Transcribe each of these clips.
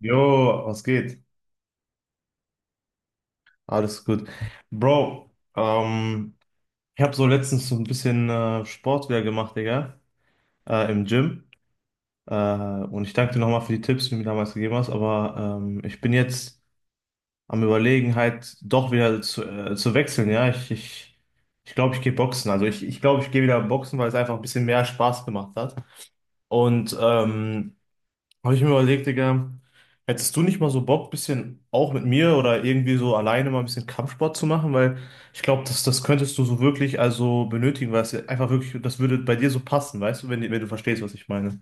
Jo, was geht? Alles gut. Bro, ähm, ich habe so letztens so ein bisschen Sport wieder gemacht, Digga, im Gym. Und ich danke dir nochmal für die Tipps, die du mir damals gegeben hast. Aber ich bin jetzt am Überlegen, halt doch wieder zu wechseln, ja. Ich glaube, ich gehe boxen. Also ich glaube, ich gehe wieder boxen, weil es einfach ein bisschen mehr Spaß gemacht hat. Und habe ich mir überlegt, Digga, hättest du nicht mal so Bock, bisschen auch mit mir oder irgendwie so alleine mal ein bisschen Kampfsport zu machen? Weil ich glaube, das könntest du so wirklich also benötigen, weil es ja einfach wirklich, das würde bei dir so passen, weißt du, wenn du verstehst, was ich meine.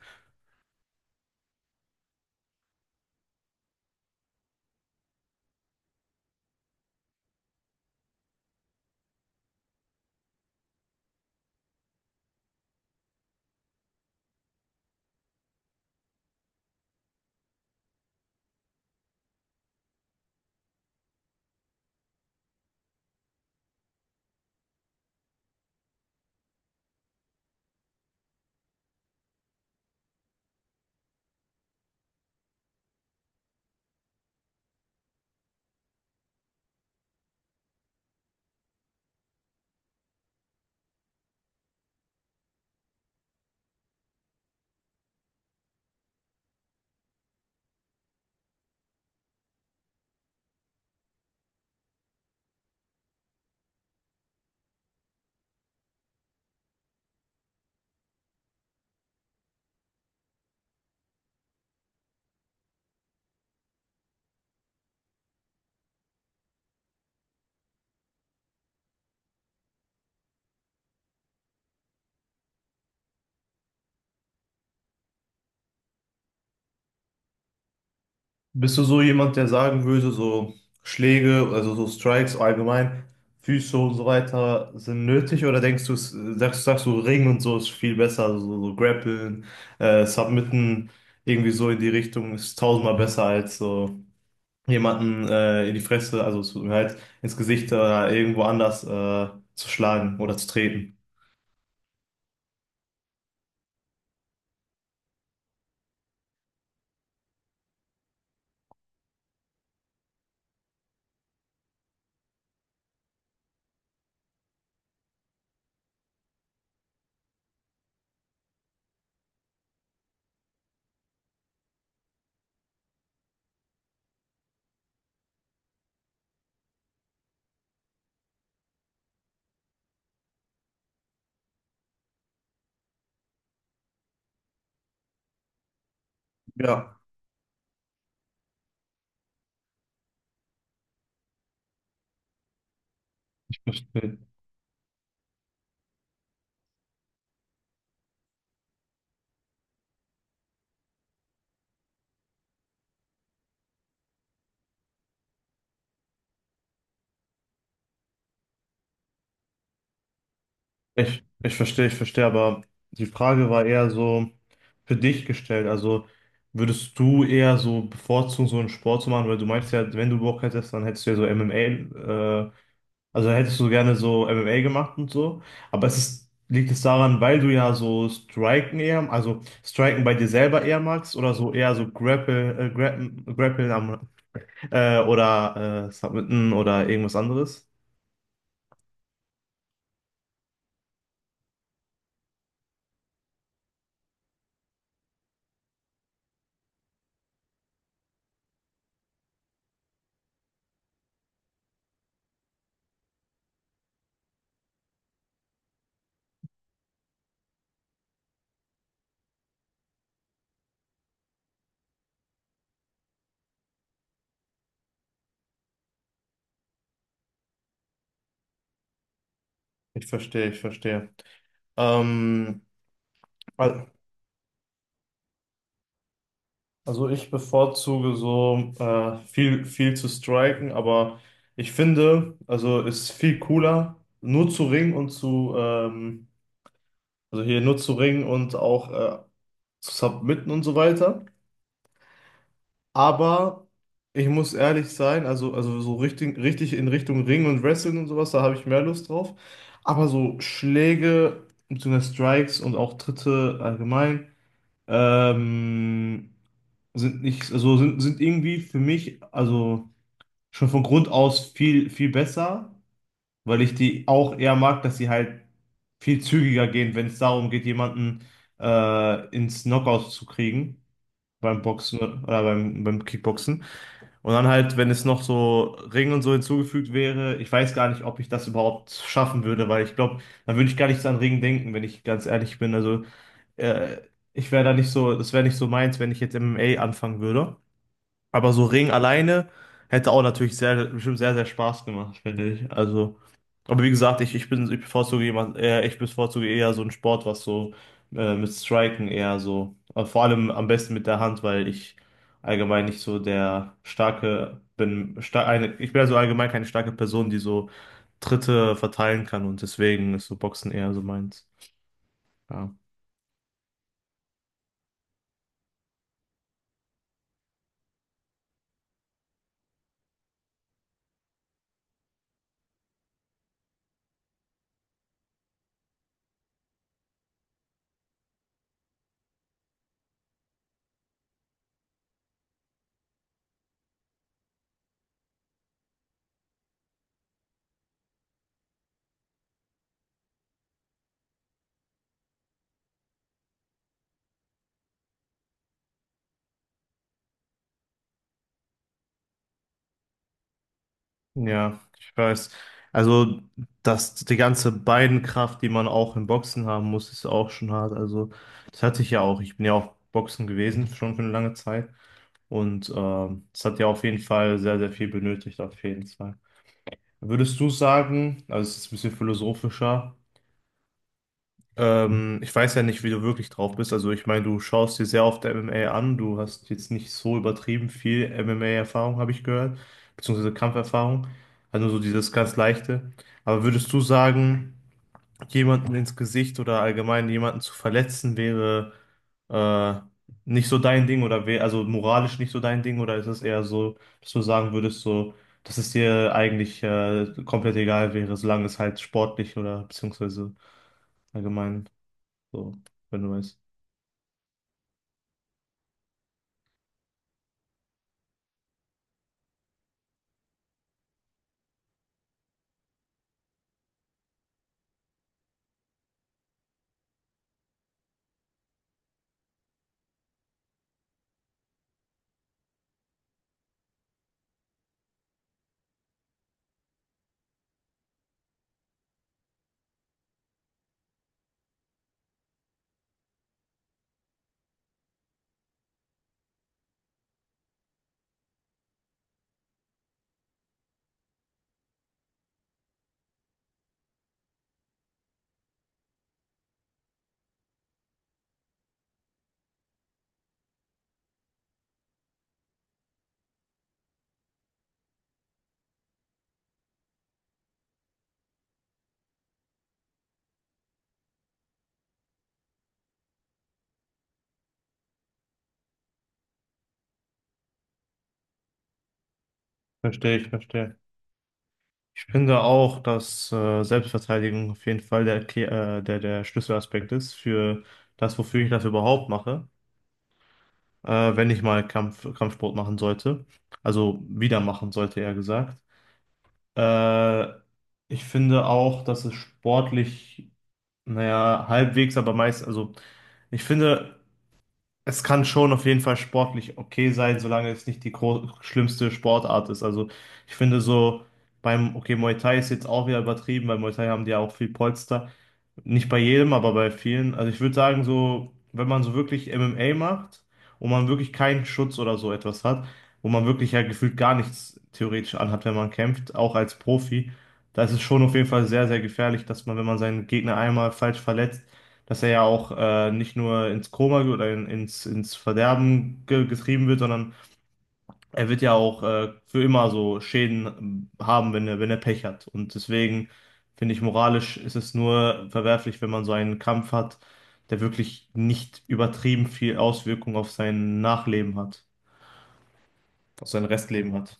Bist du so jemand, der sagen würde, so Schläge, also so Strikes allgemein, Füße und so weiter sind nötig? Oder denkst du, sagst du, Ring und so ist viel besser, also so, so Grappeln, Submitten, irgendwie so in die Richtung ist tausendmal besser als so jemanden in die Fresse, also zu, halt ins Gesicht oder irgendwo anders zu schlagen oder zu treten. Ja, ich verstehe. Ich verstehe, ich verstehe, aber die Frage war eher so für dich gestellt. Also würdest du eher so bevorzugen, so einen Sport zu machen, weil du meinst ja, wenn du Bock hättest, dann hättest du ja so MMA. Also hättest du gerne so MMA gemacht und so, aber es ist, liegt es daran, weil du ja so Striken eher, also Striken bei dir selber eher magst oder so eher so Grappeln am, oder Submitten oder irgendwas anderes? Ich verstehe, ich verstehe. Ähm, al- also ich bevorzuge so viel zu striken, aber ich finde, also ist viel cooler, nur zu ringen und zu, also hier nur zu ringen und auch zu submitten und so weiter. Aber ich muss ehrlich sein, also so richtig in Richtung Ring und Wrestling und sowas, da habe ich mehr Lust drauf. Aber so Schläge, beziehungsweise Strikes und auch Tritte allgemein, ähm, sind nicht, also sind, sind irgendwie für mich, also schon von Grund aus viel besser, weil ich die auch eher mag, dass sie halt viel zügiger gehen, wenn es darum geht, jemanden ins Knockout zu kriegen. Beim Boxen oder beim Kickboxen. Und dann halt, wenn es noch so Ring und so hinzugefügt wäre, ich weiß gar nicht, ob ich das überhaupt schaffen würde, weil ich glaube, dann würde ich gar nicht so an Ring denken, wenn ich ganz ehrlich bin. Also, äh, ich wäre da nicht so, das wäre nicht so meins, wenn ich jetzt MMA anfangen würde. Aber so Ring alleine hätte auch natürlich sehr, bestimmt sehr, sehr Spaß gemacht, finde ich. Also, aber wie gesagt, ich bevorzuge jemand, eher, ich bevorzuge eher so einen Sport, was so mit Striken eher so, vor allem am besten mit der Hand, weil ich allgemein nicht so der starke bin, ich bin also allgemein keine starke Person, die so Tritte verteilen kann und deswegen ist so Boxen eher so meins. Ja. Ja, ich weiß. Also, dass die ganze Beinkraft, die man auch im Boxen haben muss, ist auch schon hart. Also, das hatte ich ja auch. Ich bin ja auch Boxen gewesen, schon für eine lange Zeit. Und das hat ja auf jeden Fall sehr viel benötigt, auf jeden Fall. Würdest du sagen, also es ist ein bisschen philosophischer, ich weiß ja nicht, wie du wirklich drauf bist. Also ich meine, du schaust dir sehr oft MMA an. Du hast jetzt nicht so übertrieben viel MMA-Erfahrung, habe ich gehört, beziehungsweise Kampferfahrung. Also so dieses ganz Leichte. Aber würdest du sagen, jemanden ins Gesicht oder allgemein jemanden zu verletzen wäre äh, nicht so dein Ding oder wäre also moralisch nicht so dein Ding oder ist es eher so, dass du sagen würdest, so, dass es dir eigentlich komplett egal wäre, solange es halt sportlich oder beziehungsweise allgemein so, wenn du weißt. Verstehe. Ich finde auch, dass Selbstverteidigung auf jeden Fall der, der Schlüsselaspekt ist für das, wofür ich das überhaupt mache, wenn ich mal Kampfsport machen sollte. Also wieder machen sollte, eher gesagt. Äh, ich finde auch, dass es sportlich, naja, halbwegs, aber meist, also ich finde. Es kann schon auf jeden Fall sportlich okay sein, solange es nicht die schlimmste Sportart ist. Also ich finde so beim, okay, Muay Thai ist jetzt auch wieder übertrieben, weil Muay Thai haben die ja auch viel Polster, nicht bei jedem, aber bei vielen. Also ich würde sagen, so, wenn man so wirklich MMA macht und man wirklich keinen Schutz oder so etwas hat, wo man wirklich ja gefühlt gar nichts theoretisch anhat, wenn man kämpft, auch als Profi, da ist es schon auf jeden Fall sehr gefährlich, dass man, wenn man seinen Gegner einmal falsch verletzt, dass er ja auch nicht nur ins Koma ge- oder in, ins, ins Verderben ge getrieben wird, sondern er wird ja auch für immer so Schäden haben, wenn er Pech hat. Und deswegen finde ich, moralisch ist es nur verwerflich, wenn man so einen Kampf hat, der wirklich nicht übertrieben viel Auswirkung auf sein Nachleben hat, auf sein Restleben hat.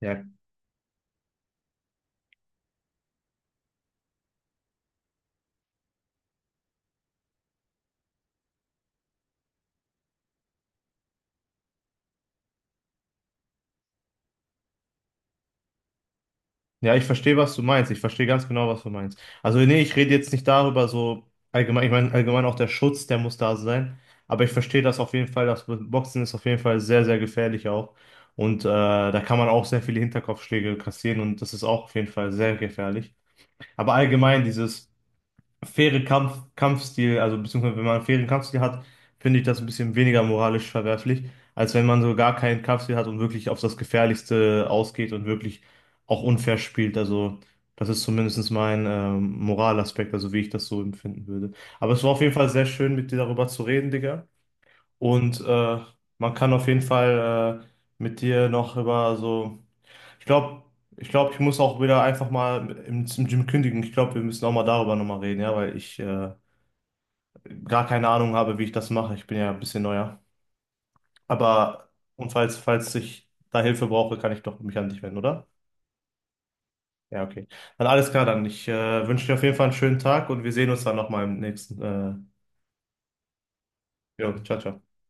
Ja, ja, ich verstehe, was du meinst. Ich verstehe ganz genau, was du meinst. Also, nee, ich rede jetzt nicht darüber, so allgemein, ich meine, allgemein auch der Schutz, der muss da sein. Aber ich verstehe das auf jeden Fall. Das Boxen ist auf jeden Fall sehr gefährlich auch. Und da kann man auch sehr viele Hinterkopfschläge kassieren und das ist auch auf jeden Fall sehr gefährlich. Aber allgemein dieses faire Kampfstil, also beziehungsweise wenn man einen fairen Kampfstil hat, finde ich das ein bisschen weniger moralisch verwerflich, als wenn man so gar keinen Kampfstil hat und wirklich auf das Gefährlichste ausgeht und wirklich auch unfair spielt. Also das ist zumindest mein Moralaspekt, also wie ich das so empfinden würde. Aber es war auf jeden Fall sehr schön, mit dir darüber zu reden, Digga. Und man kann auf jeden Fall mit dir noch über so ich glaube, ich glaube, ich muss auch wieder einfach mal im Gym kündigen. Ich glaube, wir müssen auch mal darüber nochmal reden, ja, weil ich gar keine Ahnung habe, wie ich das mache. Ich bin ja ein bisschen neuer. Aber, und falls ich da Hilfe brauche, kann ich doch mich an dich wenden, oder? Ja, okay. Dann alles klar, dann. Ich wünsche dir auf jeden Fall einen schönen Tag und wir sehen uns dann nochmal im nächsten. Jo, ciao, ciao.